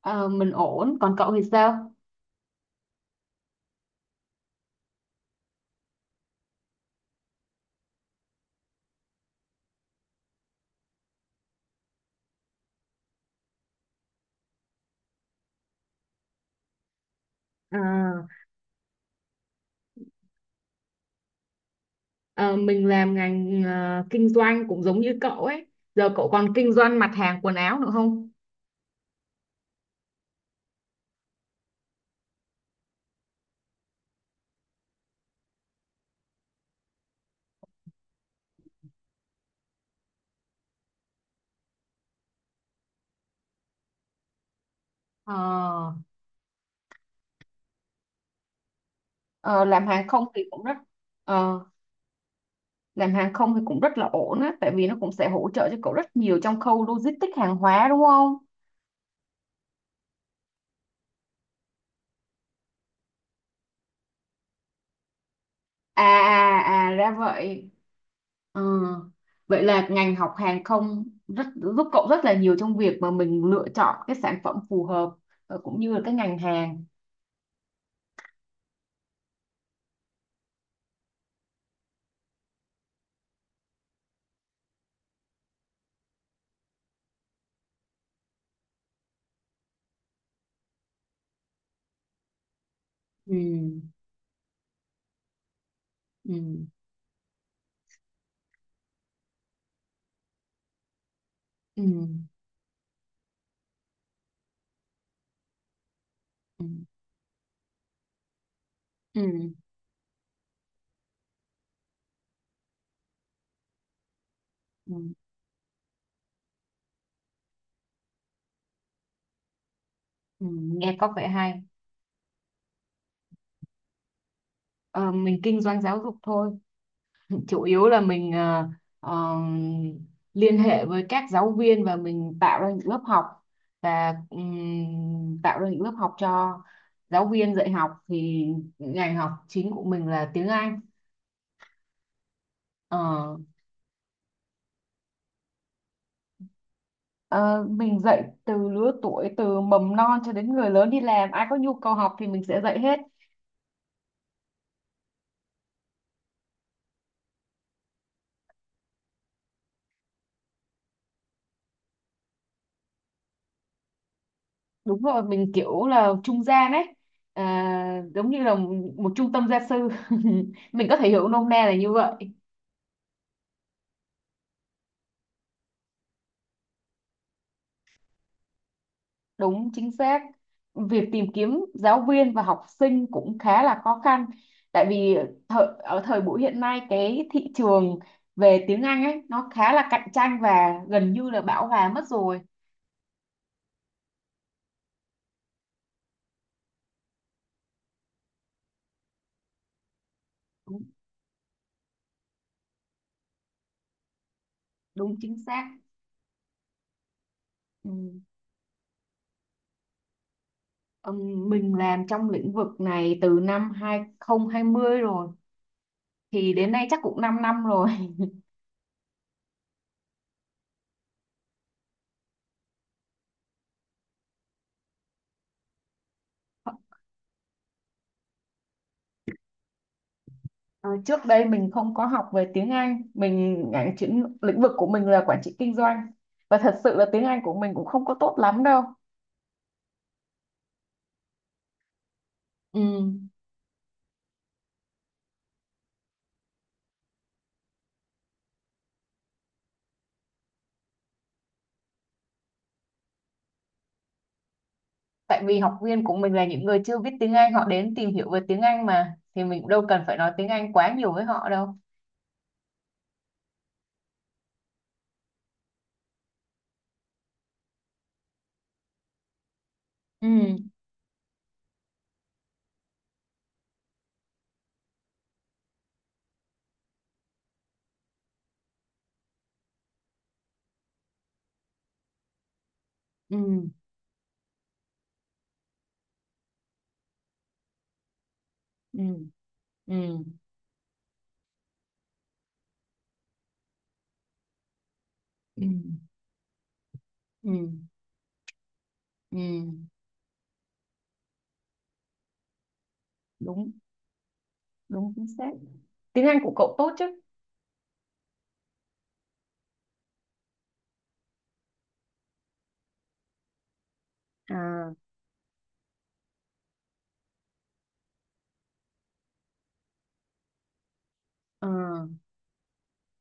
Ờ, mình ổn, còn cậu thì sao? À, à, mình làm ngành kinh doanh cũng giống như cậu ấy. Giờ cậu còn kinh doanh mặt hàng quần áo nữa không? Ờ, Ờ, ờ, làm hàng không thì cũng rất là ổn á, tại vì nó cũng sẽ hỗ trợ cho cậu rất nhiều trong khâu logistics hàng hóa đúng không? À à à ra vậy. Ờ, vậy là ngành học hàng không rất giúp cậu rất là nhiều trong việc mà mình lựa chọn cái sản phẩm phù hợp, cũng như là cái ngành hàng. Ừ, ừ, ừ, ừ, ừ, ừ, ừ. Nghe có vẻ hay. Ờ, mình kinh doanh giáo dục thôi, chủ yếu là mình ờ, liên hệ với các giáo viên và mình tạo ra những lớp học, và tạo ra những lớp học cho giáo viên dạy học, thì ngành học chính của mình là tiếng Anh. Ờ, ờ, mình dạy từ lứa tuổi từ mầm non cho đến người lớn đi làm, ai có nhu cầu học thì mình sẽ dạy hết. Đúng rồi, mình kiểu là trung gian ấy, à, giống như là một trung tâm gia sư mình có thể hiểu nôm na là như vậy. Đúng chính xác, việc tìm kiếm giáo viên và học sinh cũng khá là khó khăn, tại vì ở thời buổi hiện nay cái thị trường về tiếng Anh ấy nó khá là cạnh tranh và gần như là bão hòa mất rồi. Đúng, đúng chính xác. Ừ. Mình làm trong lĩnh vực này từ năm 2020 rồi, thì đến nay chắc cũng 5 năm rồi Ờ, trước đây mình không có học về tiếng Anh, mình ngành chuyên lĩnh vực của mình là quản trị kinh doanh, và thật sự là tiếng Anh của mình cũng không có tốt lắm đâu. Ừ, tại vì học viên của mình là những người chưa biết tiếng Anh, họ đến tìm hiểu về tiếng Anh mà thì mình cũng đâu cần phải nói tiếng Anh quá nhiều với họ đâu. Ừ, ừ, ừ, ừ, ừ, ừ, ừ. Đúng, đúng chính xác. Tiếng Anh của cậu tốt chứ? À. Ờ.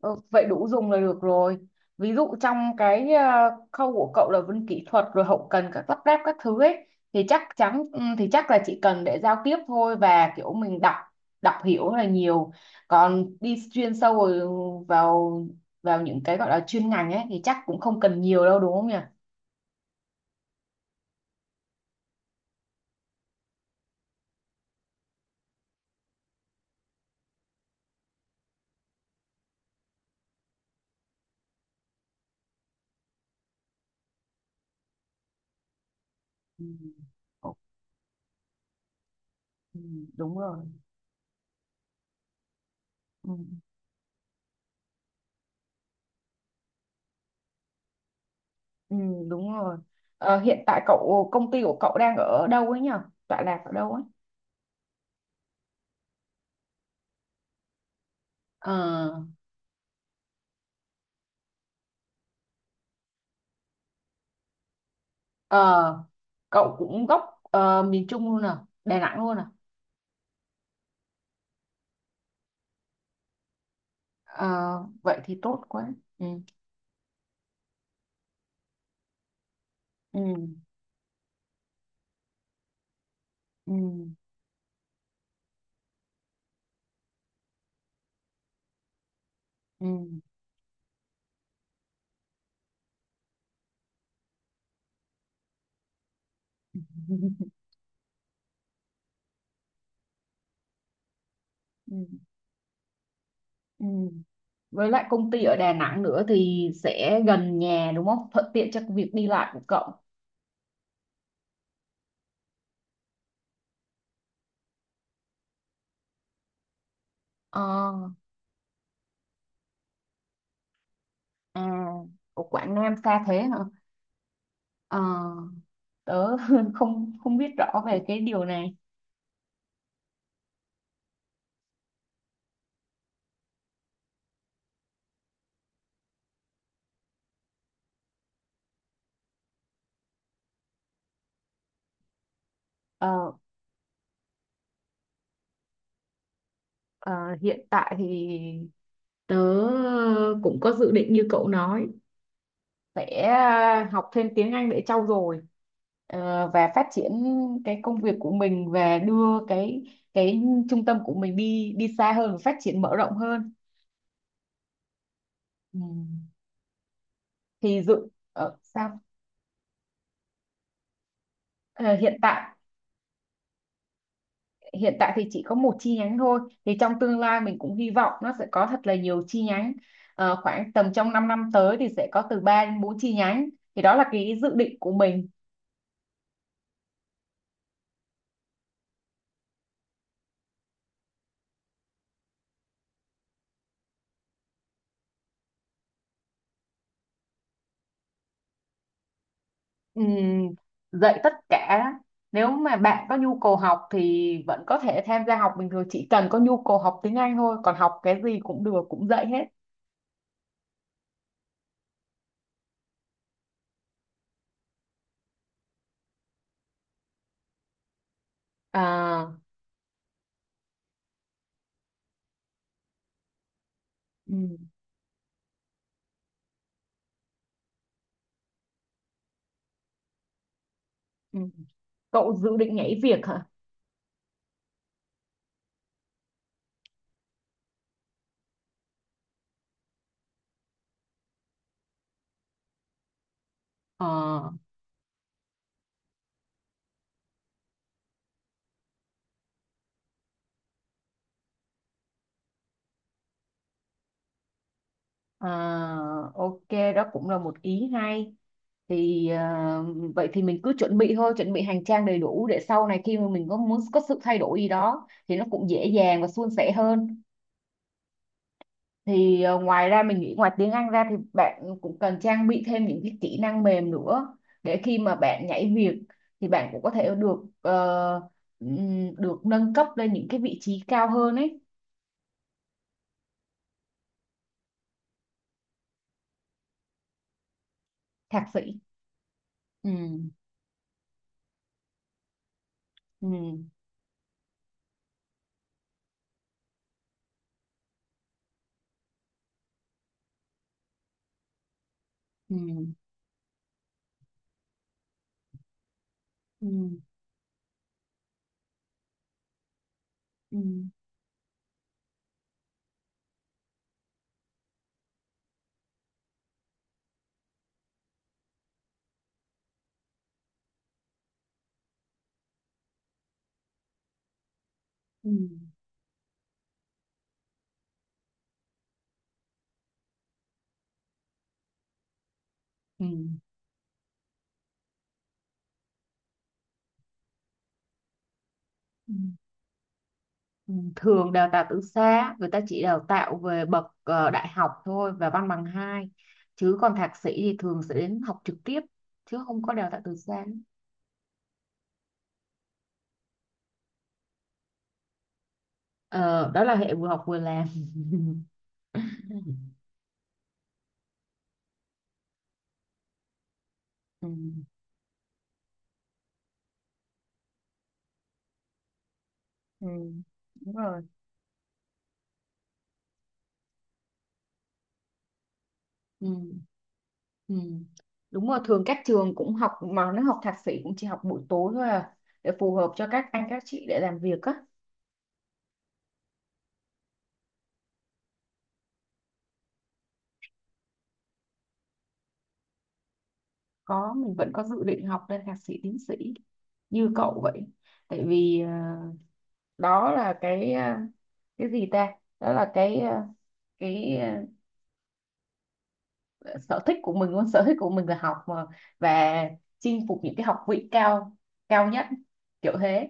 Ờ, vậy đủ dùng là được rồi. Ví dụ trong cái khâu của cậu là vân kỹ thuật rồi hậu cần các lắp ráp các thứ ấy, thì chắc chắn, thì chắc là chỉ cần để giao tiếp thôi và kiểu mình đọc đọc hiểu là nhiều. Còn đi chuyên sâu rồi vào vào những cái gọi là chuyên ngành ấy thì chắc cũng không cần nhiều đâu đúng không nhỉ? Ừ, ok, ừ, đúng rồi. Ừ, ừ, đúng rồi. Ờ, hiện tại công ty của cậu đang ở đâu ấy nhỉ? Tọa lạc ở đâu ấy? Ờ, Ờ, cậu cũng gốc miền Trung luôn à, Đà Nẵng luôn à. Ờ, vậy thì tốt quá. Ừ, ừ, ừ, ừ ừ, ừ. Với lại công ty ở Đà Nẵng nữa thì sẽ gần nhà đúng không? Thuận tiện cho việc đi lại của cậu. Ờ, à, của Quảng Nam xa thế hả? Ờ. Tớ không không biết rõ về cái điều này. ờ ờ, Hiện tại thì tớ cũng có dự định như cậu nói, sẽ học thêm tiếng Anh để trau dồi, và phát triển cái công việc của mình và đưa cái trung tâm của mình đi đi xa hơn, phát triển mở rộng hơn. Ừ. thì dự Sao? Ờ, hiện tại thì chỉ có một chi nhánh thôi, thì trong tương lai mình cũng hy vọng nó sẽ có thật là nhiều chi nhánh. Ờ, khoảng tầm trong 5 năm tới thì sẽ có từ 3 đến 4 chi nhánh, thì đó là cái dự định của mình. Ừm, dạy tất cả, nếu mà bạn có nhu cầu học thì vẫn có thể tham gia học bình thường, chỉ cần có nhu cầu học tiếng Anh thôi còn học cái gì cũng được, cũng dạy hết. À, ừ, ừ. Cậu dự định nhảy việc hả? Ờ, à, ok, đó cũng là một ý hay. Thì vậy thì mình cứ chuẩn bị thôi, chuẩn bị hành trang đầy đủ để sau này khi mà mình có muốn có sự thay đổi gì đó thì nó cũng dễ dàng và suôn sẻ hơn. Thì ngoài ra mình nghĩ ngoài tiếng Anh ra thì bạn cũng cần trang bị thêm những cái kỹ năng mềm nữa, để khi mà bạn nhảy việc thì bạn cũng có thể ờ, được nâng cấp lên những cái vị trí cao hơn ấy. Thạc sĩ. Ừ, ừ, ừ, ừ, ừ, ừ, ừ, ừ, ừ, Thường đào tạo từ xa người ta chỉ đào tạo về bậc đại học thôi và văn bằng hai, chứ còn thạc sĩ thì thường sẽ đến học trực tiếp, chứ không có đào tạo từ xa. Ờ, đó là hệ vừa học vừa làm ừ. Ừ. Đúng rồi. Ừ. Ừ. Đúng rồi, thường các trường cũng học mà nó học thạc sĩ cũng chỉ học buổi tối thôi à, để phù hợp cho các anh các chị để làm việc á. Có, mình vẫn có dự định học lên thạc sĩ tiến sĩ như cậu vậy. Tại vì đó là cái cái gì ta? Đó là cái sở thích của mình luôn, sở thích của mình là học mà, và chinh phục những cái học vị cao cao nhất kiểu thế.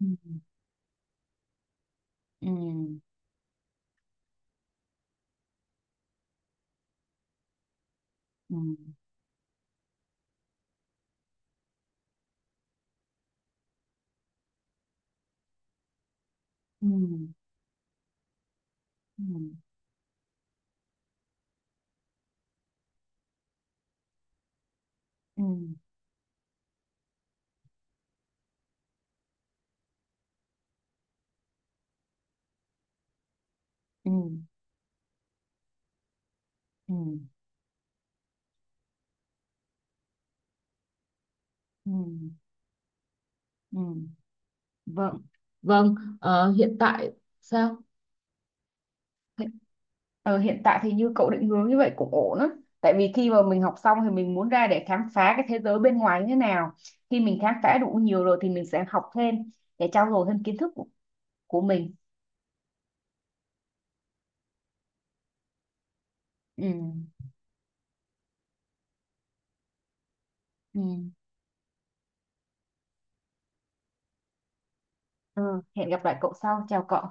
Ừ, ừ, ừ, ừ, ừ, ừ, ừ, ừ, ừ, ừ. Vâng, vâng, hiện tại sao? Hiện- Ờ, hiện tại thì như cậu định hướng như vậy cũng ổn á. Tại vì khi mà mình học xong thì mình muốn ra để khám phá cái thế giới bên ngoài như thế nào. Khi mình khám phá đủ nhiều rồi thì mình sẽ học thêm để trau dồi thêm kiến thức của mình. Ừ, ừ. Ừ, hẹn gặp lại cậu sau. Chào cậu.